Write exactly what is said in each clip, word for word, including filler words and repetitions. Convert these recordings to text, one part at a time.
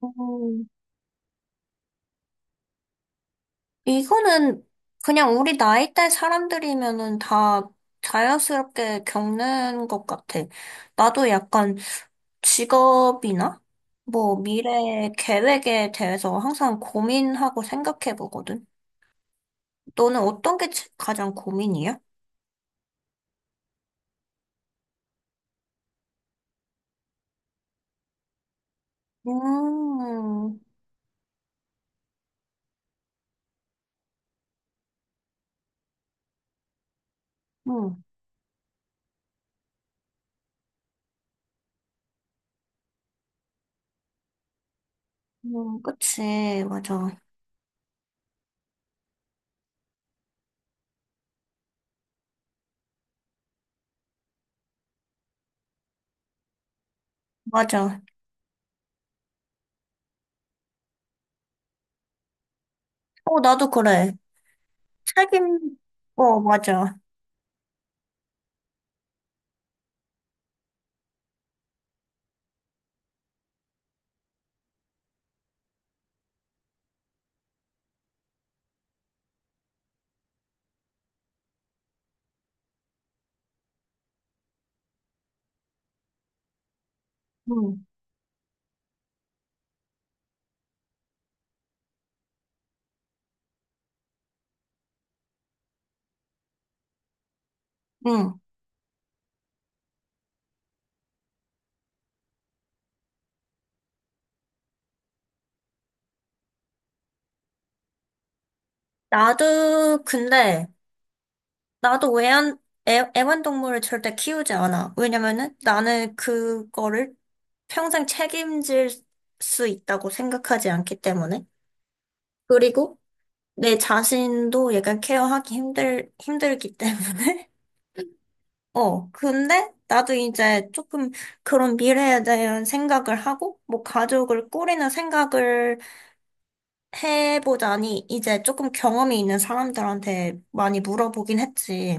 어, 이거는 그냥 우리 나이대 사람들이면은 다 자연스럽게 겪는 것 같아. 나도 약간 직업이나 뭐 미래 계획에 대해서 항상 고민하고 생각해 보거든. 너는 어떤 게 제- 가장 고민이야? 음, 음, 음, 그치, 맞아, 맞아. 어, 나도 그래. 책임, 어, 맞아. 응, 응. 나도, 근데 나도 애완, 애, 애완동물을 절대 키우지 않아. 왜냐면은 나는 그거를 평생 책임질 수 있다고 생각하지 않기 때문에. 그리고 내 자신도 약간 케어하기 힘들, 힘들기 때문에. 어, 근데 나도 이제 조금 그런 미래에 대한 생각을 하고, 뭐 가족을 꾸리는 생각을 해보자니 이제 조금 경험이 있는 사람들한테 많이 물어보긴 했지.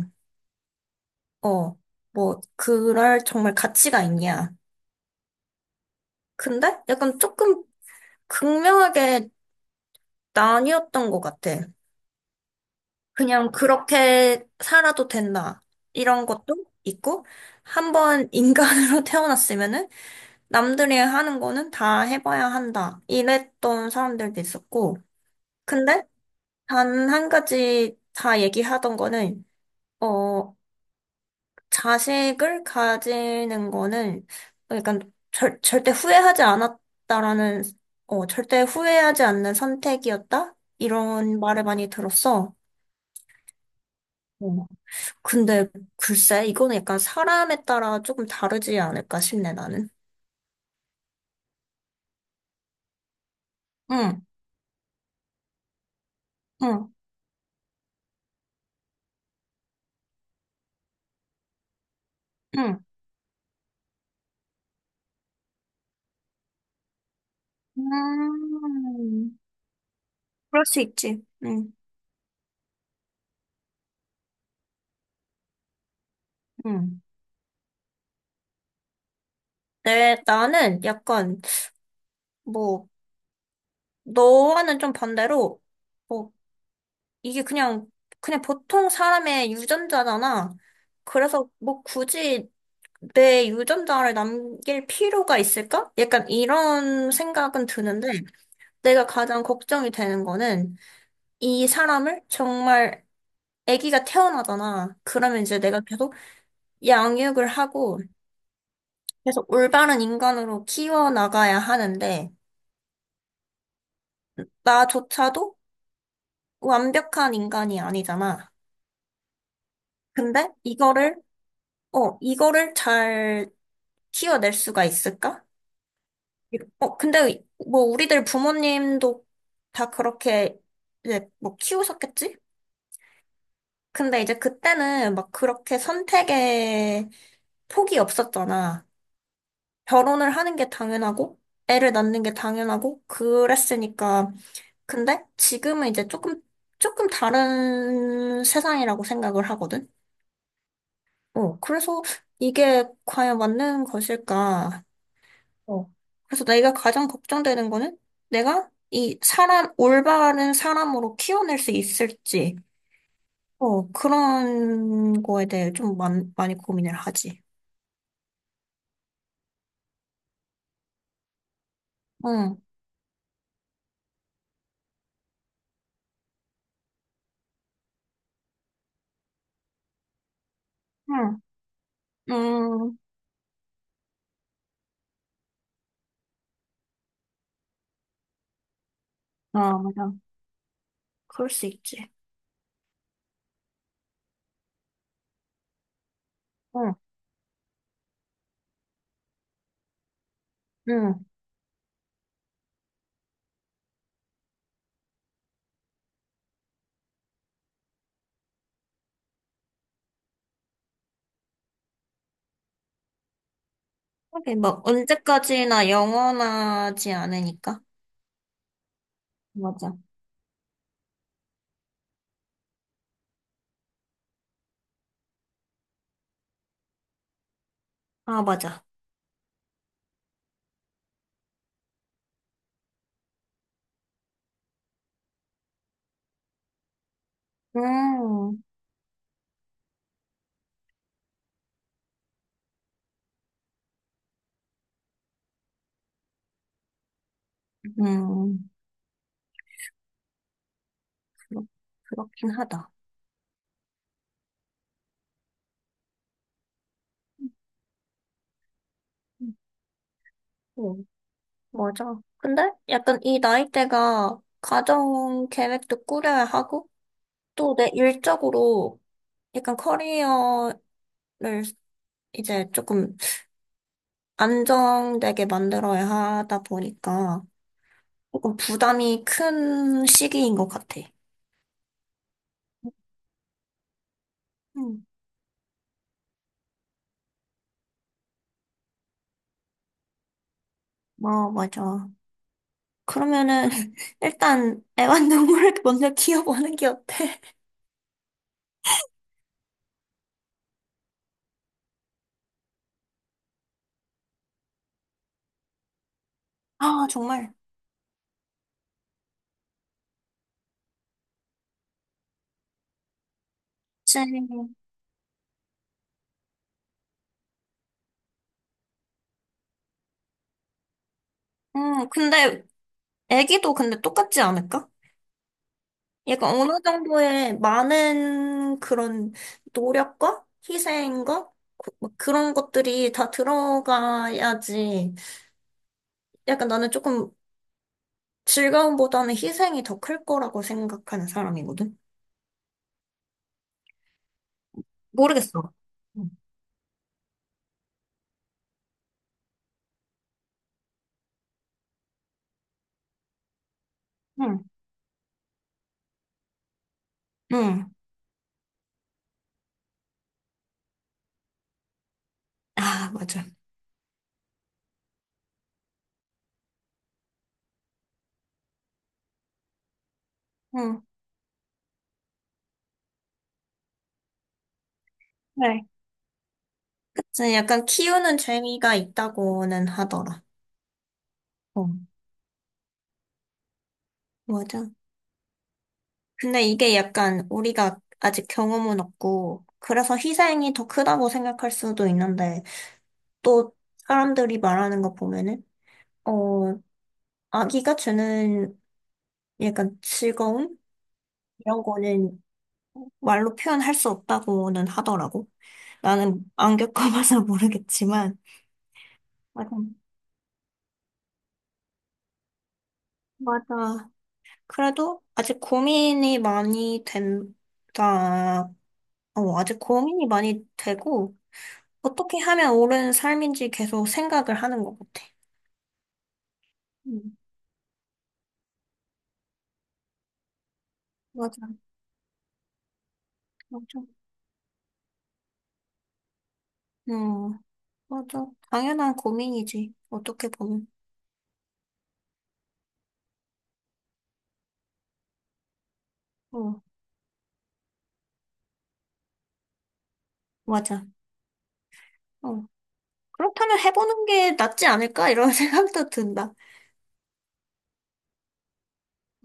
어, 뭐, 그럴 정말 가치가 있냐. 근데 약간 조금 극명하게 나뉘었던 것 같아. 그냥 그렇게 살아도 된다. 이런 것도 있고, 한 번 인간으로 태어났으면은 남들이 하는 거는 다 해봐야 한다. 이랬던 사람들도 있었고, 근데 단 한 가지 다 얘기하던 거는, 어, 자식을 가지는 거는 약간 절, 절대 후회하지 않았다라는, 어, 절대 후회하지 않는 선택이었다? 이런 말을 많이 들었어. 어. 근데 글쎄, 이거는 약간 사람에 따라 조금 다르지 않을까 싶네, 나는. 응, 응, 응. 음, 그럴 수 있지. 응, 응. 네, 나는 약간, 뭐, 너와는 좀 반대로, 뭐, 이게 그냥, 그냥 보통 사람의 유전자잖아. 그래서 뭐 굳이 내 유전자를 남길 필요가 있을까? 약간 이런 생각은 드는데 내가 가장 걱정이 되는 거는 이 사람을 정말 아기가 태어나잖아. 그러면 이제 내가 계속 양육을 하고 계속 올바른 인간으로 키워나가야 하는데 나조차도 완벽한 인간이 아니잖아. 근데 이거를, 어, 이거를 잘 키워낼 수가 있을까? 어, 근데 뭐 우리들 부모님도 다 그렇게 이제 뭐 키우셨겠지? 근데 이제 그때는 막 그렇게 선택에 폭이 없었잖아. 결혼을 하는 게 당연하고, 애를 낳는 게 당연하고, 그랬으니까. 근데 지금은 이제 조금, 조금 다른 세상이라고 생각을 하거든? 어, 그래서 이게 과연 맞는 것일까? 어. 그래서 내가 가장 걱정되는 거는 내가 이 사람, 올바른 사람으로 키워낼 수 있을지, 어, 그런 거에 대해 좀 많, 많이 고민을 하지. 응, 응, 응. 아, 맞아. 그럴 수 있지. 응, 응. 하긴 뭐, 언제까지나 영원하지 않으니까. 맞아. 아, 맞아. 음, 음, 그렇, 그렇긴 하다. 응. 응. 맞아. 근데 약간 이 나이대가 가정 계획도 꾸려야 하고, 또 내 일적으로 약간 커리어를 이제 조금 안정되게 만들어야 하다 보니까 조금 부담이 큰 시기인 것 같아. 응, 어, 맞아. 그러면은 일단 애완동물을 먼저 키워보는 게 어때? 아, 정말. 그치. 응, 근데 애기도 근데 똑같지 않을까? 약간 어느 정도의 많은 그런 노력과 희생과 그- 뭐 그런 것들이 다 들어가야지. 약간 나는 조금 즐거움보다는 희생이 더 클 거라고 생각하는 사람이거든. 모르겠어. 응. 응. 응. 아, 맞아. 응. 네. 그치. 약간 키우는 재미가 있다고는 하더라. 어, 맞아. 근데 이게 약간 우리가 아직 경험은 없고, 그래서 희생이 더 크다고 생각할 수도 있는데, 또 사람들이 말하는 거 보면은 어 아기가 주는 약간 즐거움 이런 거는 말로 표현할 수 없다고는 하더라고. 나는 안 겪어봐서 모르겠지만 맞아. 맞아. 그래도 아직 고민이 많이 된다. 어, 아직 고민이 많이 되고 어떻게 하면 옳은 삶인지 계속 생각을 하는 것 같아. 음, 맞아, 맞아. 음, 맞아. 당연한 고민이지. 어떻게 보면. 어. 맞아. 어. 그렇다면 해보는 게 낫지 않을까? 이런 생각도 든다.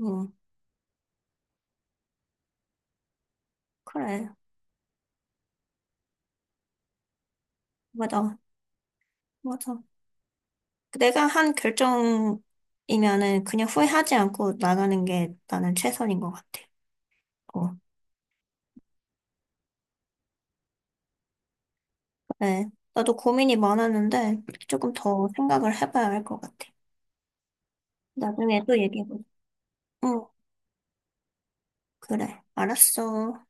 응, 그래. 맞아. 맞아. 내가 한 결정이면은 그냥 후회하지 않고 나가는 게 나는 최선인 것 같아. 어, 그래. 나도 고민이 많았는데 조금 더 생각을 해봐야 할 것 같아. 나중에 또 얘기해보자. 응, 그래. 알았어.